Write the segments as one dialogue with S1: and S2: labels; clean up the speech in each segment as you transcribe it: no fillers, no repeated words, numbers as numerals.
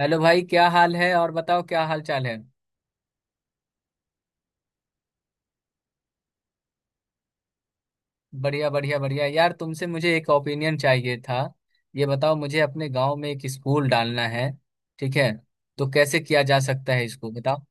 S1: Hello भाई, क्या हाल है? और बताओ, क्या हाल चाल है? बढ़िया बढ़िया बढ़िया यार, तुमसे मुझे एक ओपिनियन चाहिए था। ये बताओ, मुझे अपने गांव में एक स्कूल डालना है, ठीक है? तो कैसे किया जा सकता है इसको बताओ।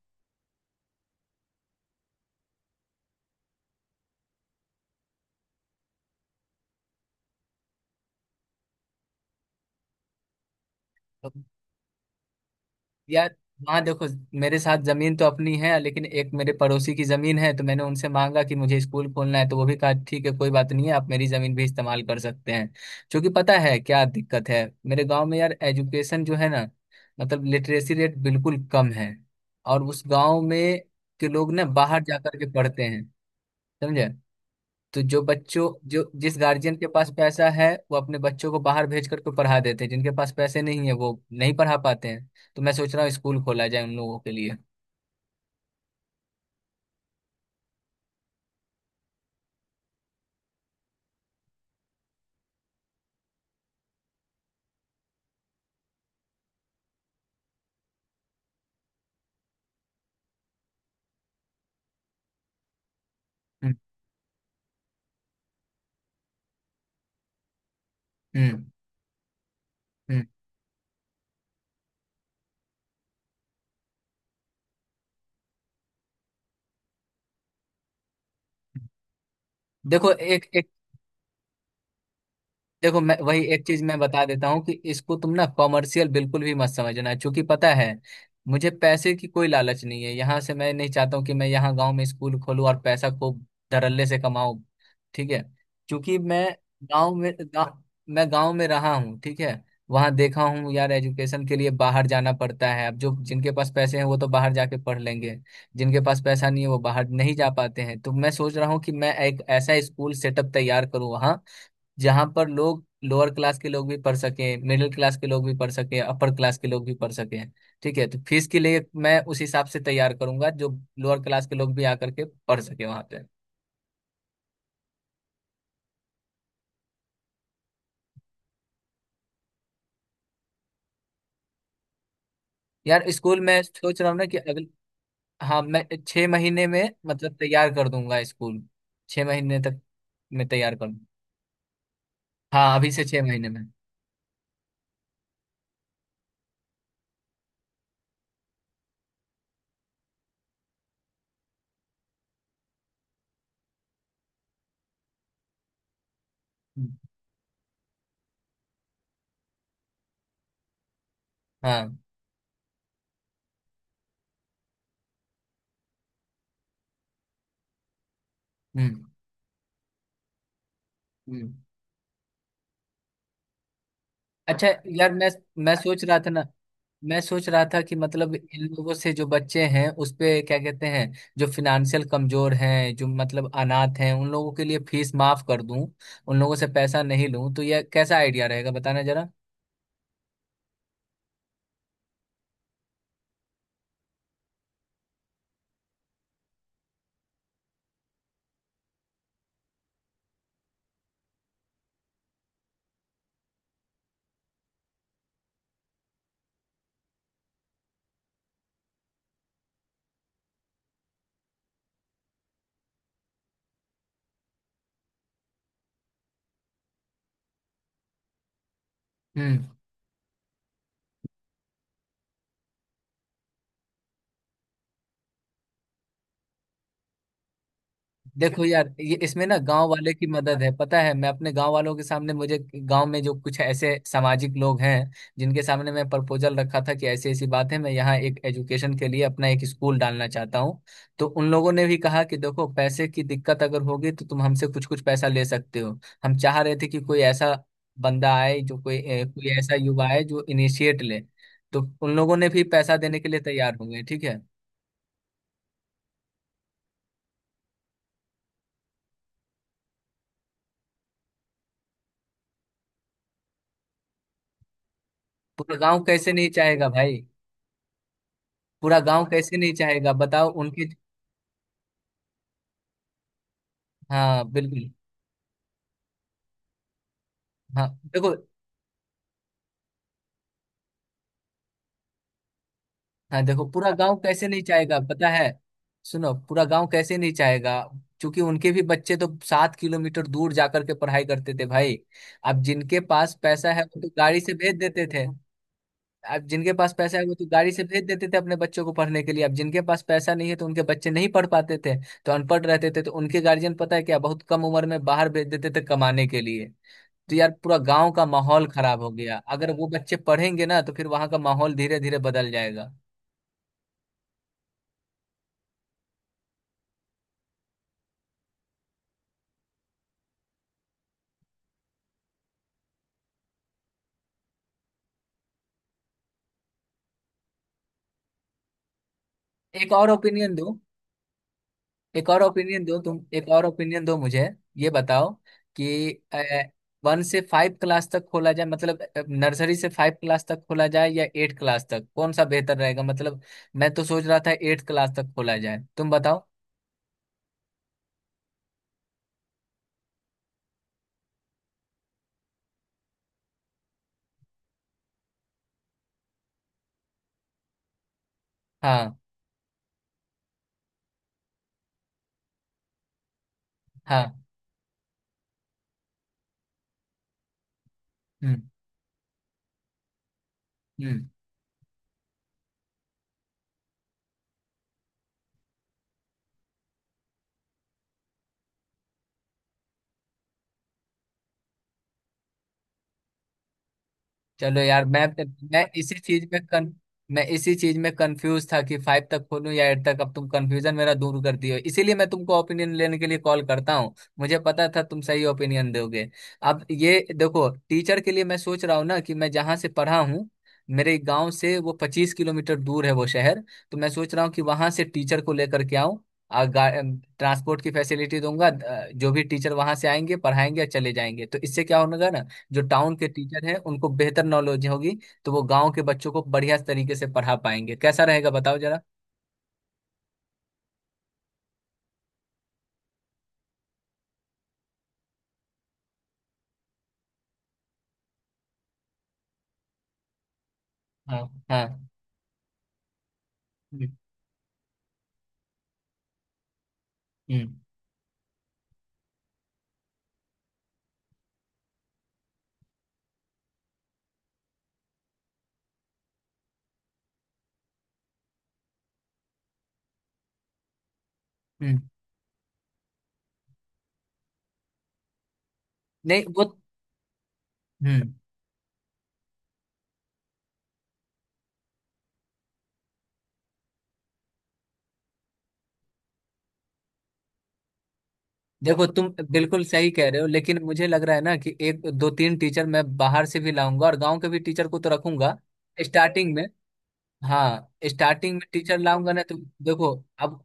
S1: यार, हाँ देखो, मेरे साथ जमीन तो अपनी है, लेकिन एक मेरे पड़ोसी की जमीन है, तो मैंने उनसे मांगा कि मुझे स्कूल खोलना है, तो वो भी कहा ठीक है, कोई बात नहीं है, आप मेरी जमीन भी इस्तेमाल कर सकते हैं। क्योंकि पता है क्या दिक्कत है मेरे गांव में यार, एजुकेशन जो है ना, मतलब लिटरेसी रेट बिल्कुल कम है। और उस गांव में के लोग ना बाहर जा करके पढ़ते हैं, समझे? तो जो बच्चों जो जिस गार्जियन के पास पैसा है वो अपने बच्चों को बाहर भेज करके पढ़ा देते हैं, जिनके पास पैसे नहीं है वो नहीं पढ़ा पाते हैं। तो मैं सोच रहा हूँ स्कूल खोला जाए उन लोगों के लिए। हम्म हम्म हम्म। देखो, एक एक देखो, मैं वही एक चीज मैं बता देता हूँ कि इसको तुम ना कॉमर्शियल बिल्कुल भी मत समझना, क्योंकि पता है, मुझे पैसे की कोई लालच नहीं है, यहाँ से मैं नहीं चाहता हूँ कि मैं यहाँ गांव में स्कूल खोलूँ और पैसा खूब धड़ल्ले से कमाऊँ, ठीक है? क्योंकि मैं गांव में मैं गांव में रहा हूँ, ठीक है। वहां देखा हूँ यार, एजुकेशन के लिए बाहर जाना पड़ता है। अब जो जिनके पास पैसे हैं वो तो बाहर जाके पढ़ लेंगे, जिनके पास पैसा नहीं है वो बाहर नहीं जा पाते हैं। तो मैं सोच रहा हूँ कि मैं एक ऐसा स्कूल सेटअप तैयार करूँ वहाँ, जहाँ पर लोग लोअर क्लास के लोग भी पढ़ सकें, मिडिल क्लास के लोग भी पढ़ सकें, अपर क्लास के लोग भी पढ़ सकें। ठीक है, तो फीस के लिए मैं उस हिसाब से तैयार करूंगा जो लोअर क्लास के लोग भी आकर के पढ़ सके वहां पे। यार स्कूल में सोच रहा हूँ ना कि अगले, हाँ मैं 6 महीने में मतलब तैयार कर दूंगा स्कूल। 6 महीने तक मैं तैयार करूँ। हाँ अभी से 6 महीने में। हम्म, हाँ। हम्म। हम्म। अच्छा, यार मैं सोच रहा था ना मैं सोच रहा था कि मतलब इन लोगों से जो बच्चे हैं उस पे क्या कहते हैं, जो फिनेंशियल कमजोर हैं, जो मतलब अनाथ हैं, उन लोगों के लिए फीस माफ कर दूं, उन लोगों से पैसा नहीं लूं, तो यह कैसा आइडिया रहेगा बताना जरा। हम्म। देखो यार, ये इसमें ना गांव वाले की मदद है, पता है? मैं अपने गांव वालों के सामने, मुझे गांव में जो कुछ ऐसे सामाजिक लोग हैं जिनके सामने मैं प्रपोजल रखा था कि ऐसी ऐसी बात है, मैं यहाँ एक एजुकेशन के लिए अपना एक स्कूल डालना चाहता हूँ, तो उन लोगों ने भी कहा कि देखो, पैसे की दिक्कत अगर होगी तो तुम हमसे कुछ कुछ पैसा ले सकते हो, हम चाह रहे थे कि कोई ऐसा बंदा आए, जो कोई कोई ऐसा युवा आए जो इनिशिएट ले। तो उन लोगों ने भी पैसा देने के लिए तैयार हो गए, ठीक है। पूरा गाँव कैसे नहीं चाहेगा भाई? पूरा गांव कैसे नहीं चाहेगा बताओ उनके। हाँ बिल्कुल। हाँ देखो। हाँ देखो, पूरा गांव कैसे नहीं चाहेगा पता है? सुनो, पूरा गांव कैसे नहीं चाहेगा, क्योंकि उनके भी बच्चे तो 7 किलोमीटर दूर जाकर के पढ़ाई करते थे भाई। अब जिनके पास पैसा है वो तो गाड़ी से भेज देते थे। अब जिनके पास पैसा है वो तो गाड़ी से भेज देते थे अपने बच्चों को पढ़ने के लिए, अब जिनके पास पैसा नहीं है तो उनके बच्चे नहीं पढ़ पाते थे, तो अनपढ़ रहते थे, तो उनके गार्जियन पता है क्या, बहुत कम उम्र में बाहर भेज देते थे कमाने के लिए। तो यार पूरा गांव का माहौल खराब हो गया। अगर वो बच्चे पढ़ेंगे ना तो फिर वहां का माहौल धीरे धीरे बदल जाएगा। एक और ओपिनियन दो, एक और ओपिनियन दो तुम, एक और ओपिनियन दो मुझे। ये बताओ कि वन से फाइव क्लास तक खोला जाए, मतलब नर्सरी से फाइव क्लास तक खोला जाए या एट क्लास तक, कौन सा बेहतर रहेगा? मतलब मैं तो सोच रहा था एट क्लास तक खोला जाए, तुम बताओ। हाँ। हाँ। हम्म। हम्म। चलो यार, मैं इसी चीज में कन मैं इसी चीज में कंफ्यूज था कि फाइव तक खोलूं या एट तक। अब तुम कंफ्यूजन मेरा दूर कर दिए हो। इसीलिए मैं तुमको ओपिनियन लेने के लिए कॉल करता हूँ, मुझे पता था तुम सही ओपिनियन दोगे। अब ये देखो, टीचर के लिए मैं सोच रहा हूँ ना, कि मैं जहाँ से पढ़ा हूँ, मेरे गांव से वो 25 किलोमीटर दूर है वो शहर, तो मैं सोच रहा हूँ कि वहां से टीचर को लेकर के आऊँ और ट्रांसपोर्ट की फैसिलिटी दूंगा। जो भी टीचर वहां से आएंगे पढ़ाएंगे और चले जाएंगे, तो इससे क्या होगा ना, जो टाउन के टीचर हैं उनको बेहतर नॉलेज होगी, तो वो गांव के बच्चों को बढ़िया तरीके से पढ़ा पाएंगे। कैसा रहेगा बताओ जरा। हाँ। हाँ। हम्म। हम्म। हम्म। नहीं वो, हम्म, देखो तुम बिल्कुल सही कह रहे हो, लेकिन मुझे लग रहा है ना कि एक दो तीन टीचर मैं बाहर से भी लाऊंगा और गांव के भी टीचर को तो रखूंगा। स्टार्टिंग में, हाँ स्टार्टिंग में टीचर लाऊंगा ना तो, देखो अब,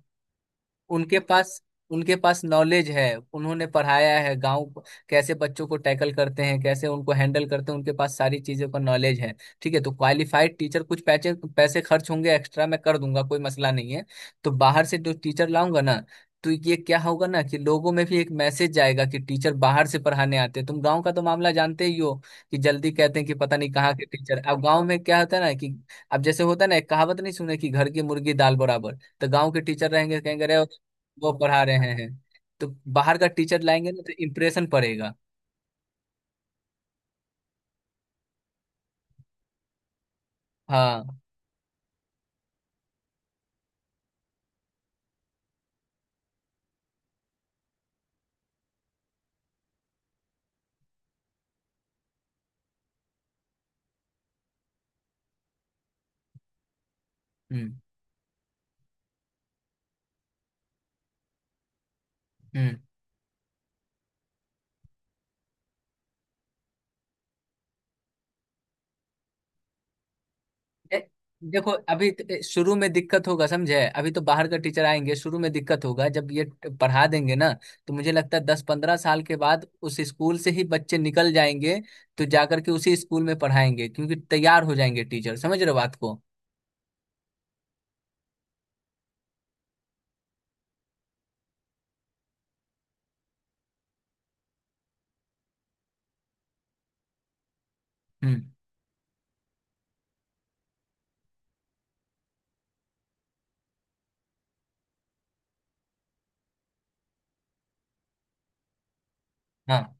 S1: उनके पास, उनके पास नॉलेज है, उन्होंने पढ़ाया है, कैसे बच्चों को टैकल करते हैं, कैसे उनको हैंडल करते हैं, उनके पास सारी चीजों का नॉलेज है, ठीक है। तो क्वालिफाइड टीचर, कुछ पैसे पैसे खर्च होंगे एक्स्ट्रा, मैं कर दूंगा, कोई मसला नहीं है। तो बाहर से जो टीचर लाऊंगा ना, तो ये क्या होगा ना कि लोगों में भी एक मैसेज जाएगा कि टीचर बाहर से पढ़ाने आते हैं। तुम गांव का तो मामला जानते ही हो, कि जल्दी कहते हैं कि पता नहीं कहाँ के टीचर। अब गांव में क्या होता है ना कि, अब जैसे होता है ना, एक कहावत नहीं सुने कि घर की मुर्गी दाल बराबर। तो गांव के टीचर रहेंगे कहेंगे अरे वो पढ़ा रहे हैं, तो बाहर का टीचर लाएंगे ना तो इम्प्रेशन पड़ेगा। हाँ। हम्म। हम्म। ए- देखो अभी शुरू में दिक्कत होगा, समझे? अभी तो बाहर का टीचर आएंगे, शुरू में दिक्कत होगा, जब ये पढ़ा देंगे ना, तो मुझे लगता है 10-15 साल के बाद उस स्कूल से ही बच्चे निकल जाएंगे, तो जाकर के उसी स्कूल में पढ़ाएंगे, क्योंकि तैयार हो जाएंगे टीचर, समझ रहे हो बात को? हम्म। हाँ।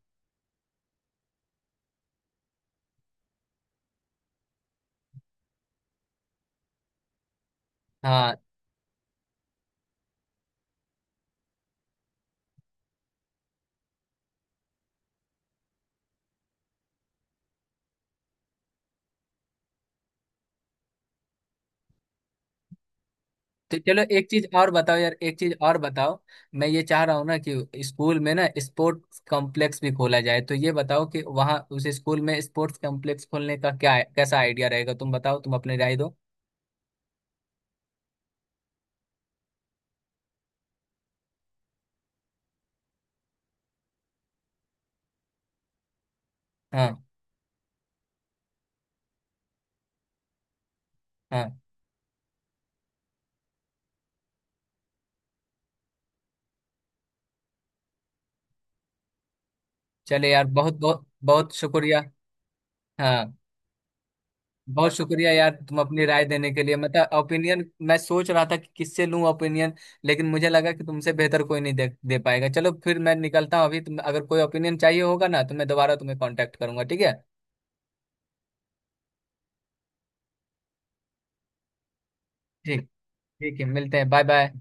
S1: हाँ। तो चलो एक चीज और बताओ यार, एक चीज और बताओ। मैं ये चाह रहा हूँ ना कि स्कूल में ना स्पोर्ट्स कॉम्प्लेक्स भी खोला जाए, तो ये बताओ कि वहाँ उस स्कूल में स्पोर्ट्स कॉम्प्लेक्स खोलने का क्या कैसा आइडिया रहेगा, तुम बताओ, तुम अपनी राय दो। हाँ। हाँ। चले यार, बहुत बहुत बहुत शुक्रिया। हाँ। बहुत शुक्रिया यार तुम अपनी राय देने के लिए, मतलब ओपिनियन। मैं सोच रहा था कि किससे लूं ओपिनियन, लेकिन मुझे लगा कि तुमसे बेहतर कोई नहीं दे पाएगा। चलो फिर मैं निकलता हूँ अभी। तुम अगर कोई ओपिनियन चाहिए होगा ना तो मैं दोबारा तुम्हें कांटेक्ट करूंगा, ठीक है? ठीक। ठीक है, मिलते हैं। Bye bye.